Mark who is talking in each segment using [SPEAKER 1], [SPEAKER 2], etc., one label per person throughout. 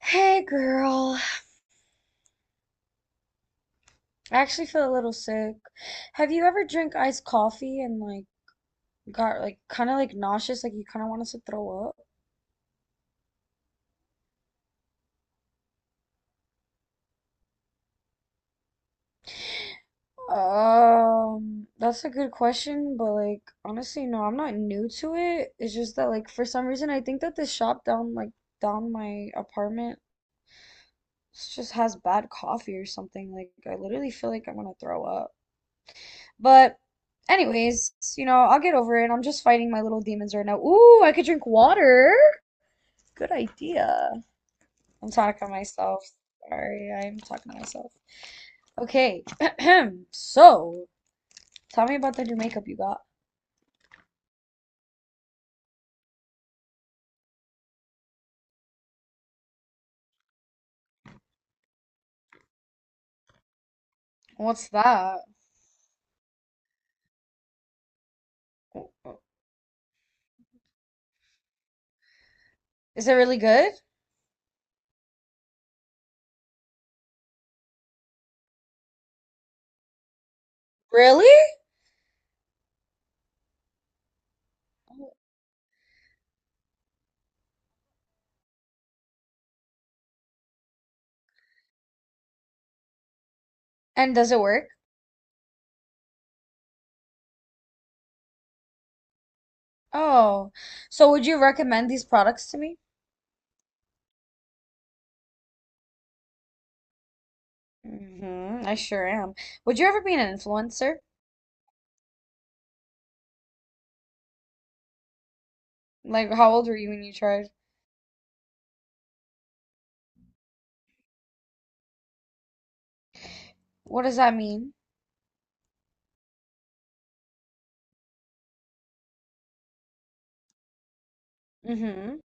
[SPEAKER 1] Hey girl, I actually feel a little sick. Have you ever drank iced coffee and got kind of nauseous, like you kind of wanted to throw up? That's a good question, but like honestly, no, I'm not new to it. It's just that like for some reason I think that this shop down my apartment just has bad coffee or something. Like I literally feel like I'm gonna throw up. But anyways, I'll get over it. I'm just fighting my little demons right now. Ooh, I could drink water. Good idea. I'm talking to myself. Sorry, I'm talking to myself. Okay, so tell me about the new makeup you got. What's that? Is it really good? Really? And does it work? Oh, so would you recommend these products to me? Mm-hmm, I sure am. Would you ever be an influencer? Like, how old were you when you tried? What does that mean? Mm-hmm.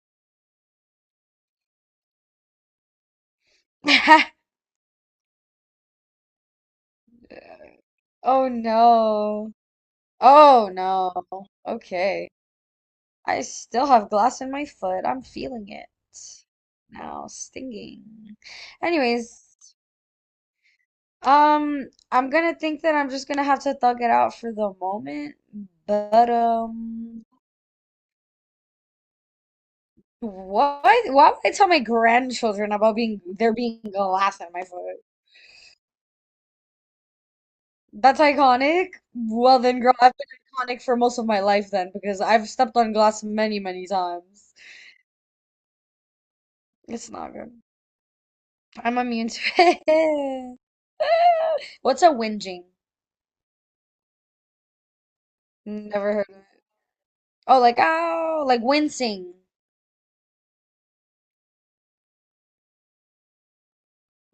[SPEAKER 1] Oh no. Oh no. Okay. I still have glass in my foot. I'm feeling it now, stinging. Anyways, I'm gonna think that I'm just gonna have to thug it out for the moment. But what? Why would I tell my grandchildren about being glass in my foot? That's iconic. Well then, girl, I've been iconic for most of my life then because I've stepped on glass many, many times. It's not good. I'm immune to it. What's a whinging? Never heard of. Oh, like wincing.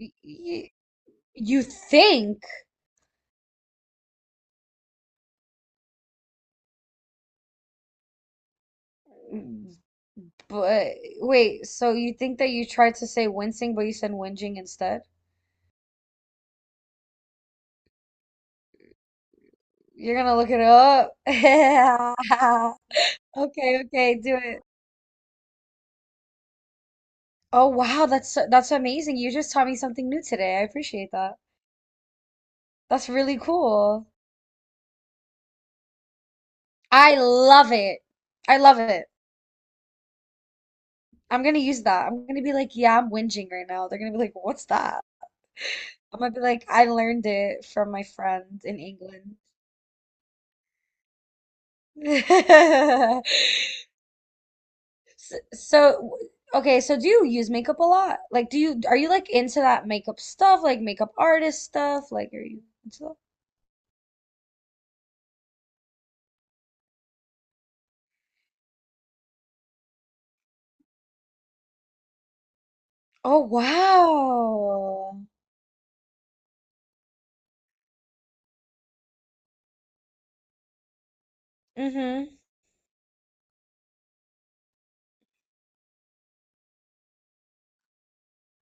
[SPEAKER 1] Y y You think, but wait. So you think that you tried to say wincing, but you said whinging instead? You're gonna look it up. Okay, okay, do it. Oh wow, that's amazing. You just taught me something new today. I appreciate that. That's really cool. I love it. I love it. I'm gonna use that. I'm gonna be like, yeah, I'm whinging right now. They're gonna be like, what's that? I'm gonna be like, I learned it from my friend in England. So, so, okay, so do you use makeup a lot? Like, are you like into that makeup stuff, like makeup artist stuff? Like, are you into that? Oh, wow. Mm-hmm.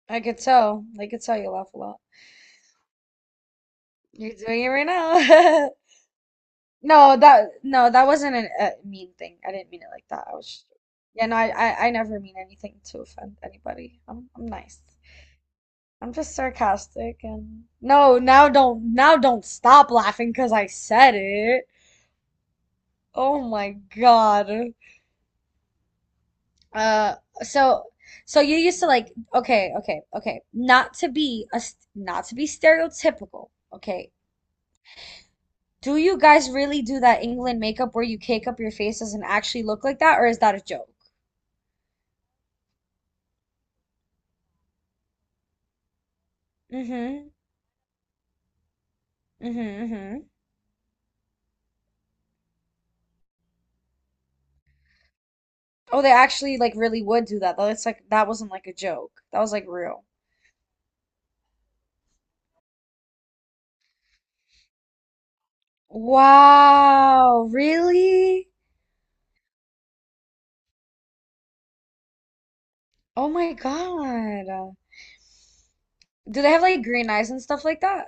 [SPEAKER 1] I could tell. I could tell you laugh a lot. You're doing it right now. No, that wasn't a mean thing. I didn't mean it like that. Yeah, no, I never mean anything to offend anybody. I'm nice. I'm just sarcastic and no, now don't stop laughing because I said it. Oh my God. Uh, so so you used to like okay, okay, okay. Not to be stereotypical, okay. Do you guys really do that England makeup where you cake up your faces and actually look like that, or is that a joke? Mm-hmm. Mm-hmm. Mm-hmm. Oh, they actually like really would do that though. It's like that wasn't like a joke. That was like real. Wow, really? Oh my God. Do they have like green eyes and stuff like that?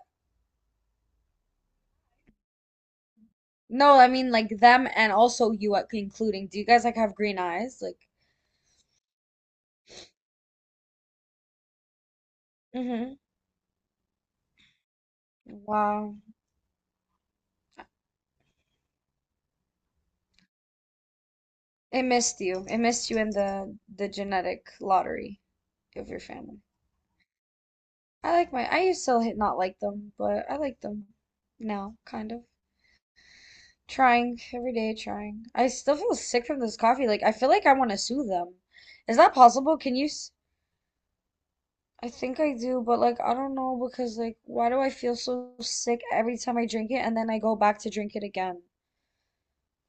[SPEAKER 1] No, I mean like them and also you at including. Do you guys like have green eyes? Like, hmm. Wow. It missed you. It missed you in the genetic lottery of your family. I like my I used to hit not like them, but I like them now, kind of. Trying every day, trying. I still feel sick from this coffee. Like I feel like I want to sue them. Is that possible? I think I do, but like I don't know because like why do I feel so sick every time I drink it and then I go back to drink it again?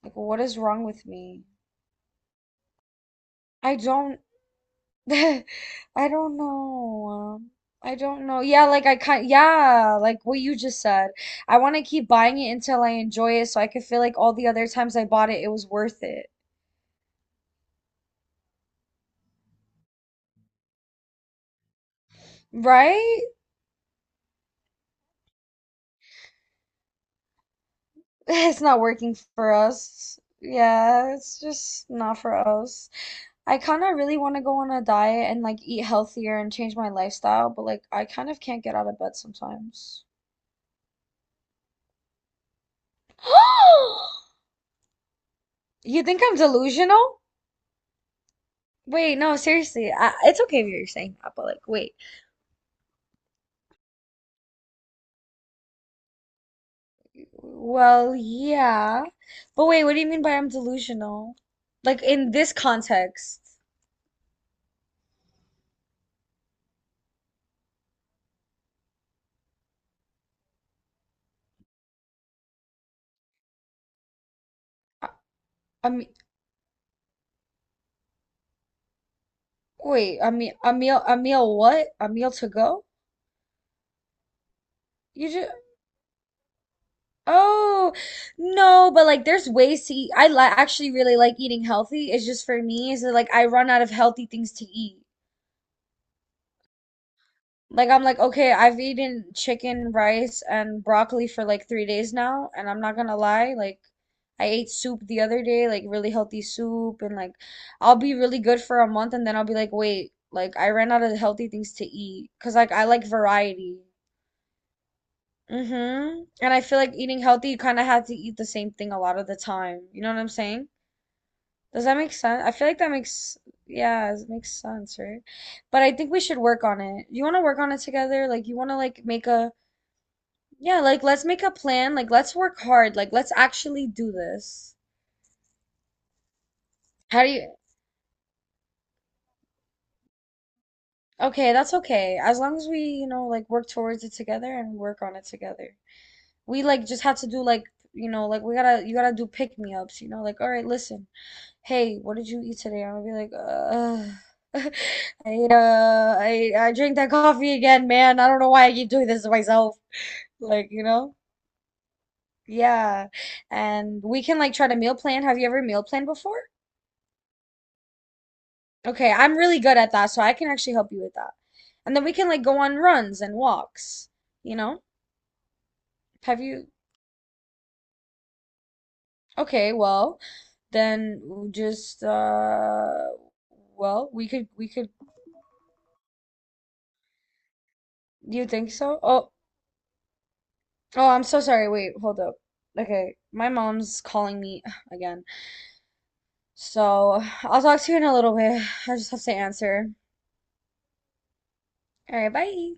[SPEAKER 1] Like what is wrong with me? I don't I don't know. I don't know. Yeah, like I kind yeah, like what you just said. I want to keep buying it until I enjoy it so I could feel like all the other times I bought it it was worth it. Right? It's not working for us. Yeah, it's just not for us. I kind of really want to go on a diet and like eat healthier and change my lifestyle, but like I kind of can't get out of bed sometimes. You think I'm delusional? Wait, no, seriously. It's okay if you're saying that, but like, wait. Well, yeah. But wait, what do you mean by I'm delusional? Like in this context. I, I mean, wait, I mean, a meal what? A meal to go? You just Oh, no, but like there's ways to eat. I li actually really like eating healthy. It's just for me is that like I run out of healthy things to eat. Like I'm like, okay, I've eaten chicken, rice, and broccoli for like 3 days now, and I'm not gonna lie, like I ate soup the other day, like really healthy soup, and like I'll be really good for a month and then I'll be like, wait, like I ran out of healthy things to eat. 'Cause like I like variety. Mm-hmm. And I feel like eating healthy, you kind of have to eat the same thing a lot of the time. You know what I'm saying? Does that make sense? I feel like that makes, yeah, it makes sense, right? But I think we should work on it. You want to work on it together? You want to make a, yeah, like let's make a plan. Like, let's work hard. Like, let's actually do this. How do you, okay, that's okay. As long as we, you know, like work towards it together and work on it together. We like just have to do like, you know, like you gotta do pick me ups, you know, like, all right, listen. Hey, what did you eat today? I'm gonna be like, I drink that coffee again, man. I don't know why I keep doing this to myself. Like, you know? Yeah. And we can like try to meal plan. Have you ever meal planned before? Okay, I'm really good at that, so I can actually help you with that. And then we can like go on runs and walks, you know? Have you? Okay, well, then just well, we could you think so? Oh, oh, I'm so sorry. Wait, hold up. Okay, my mom's calling me again. So I'll talk to you in a little bit. I just have to answer. All right, bye.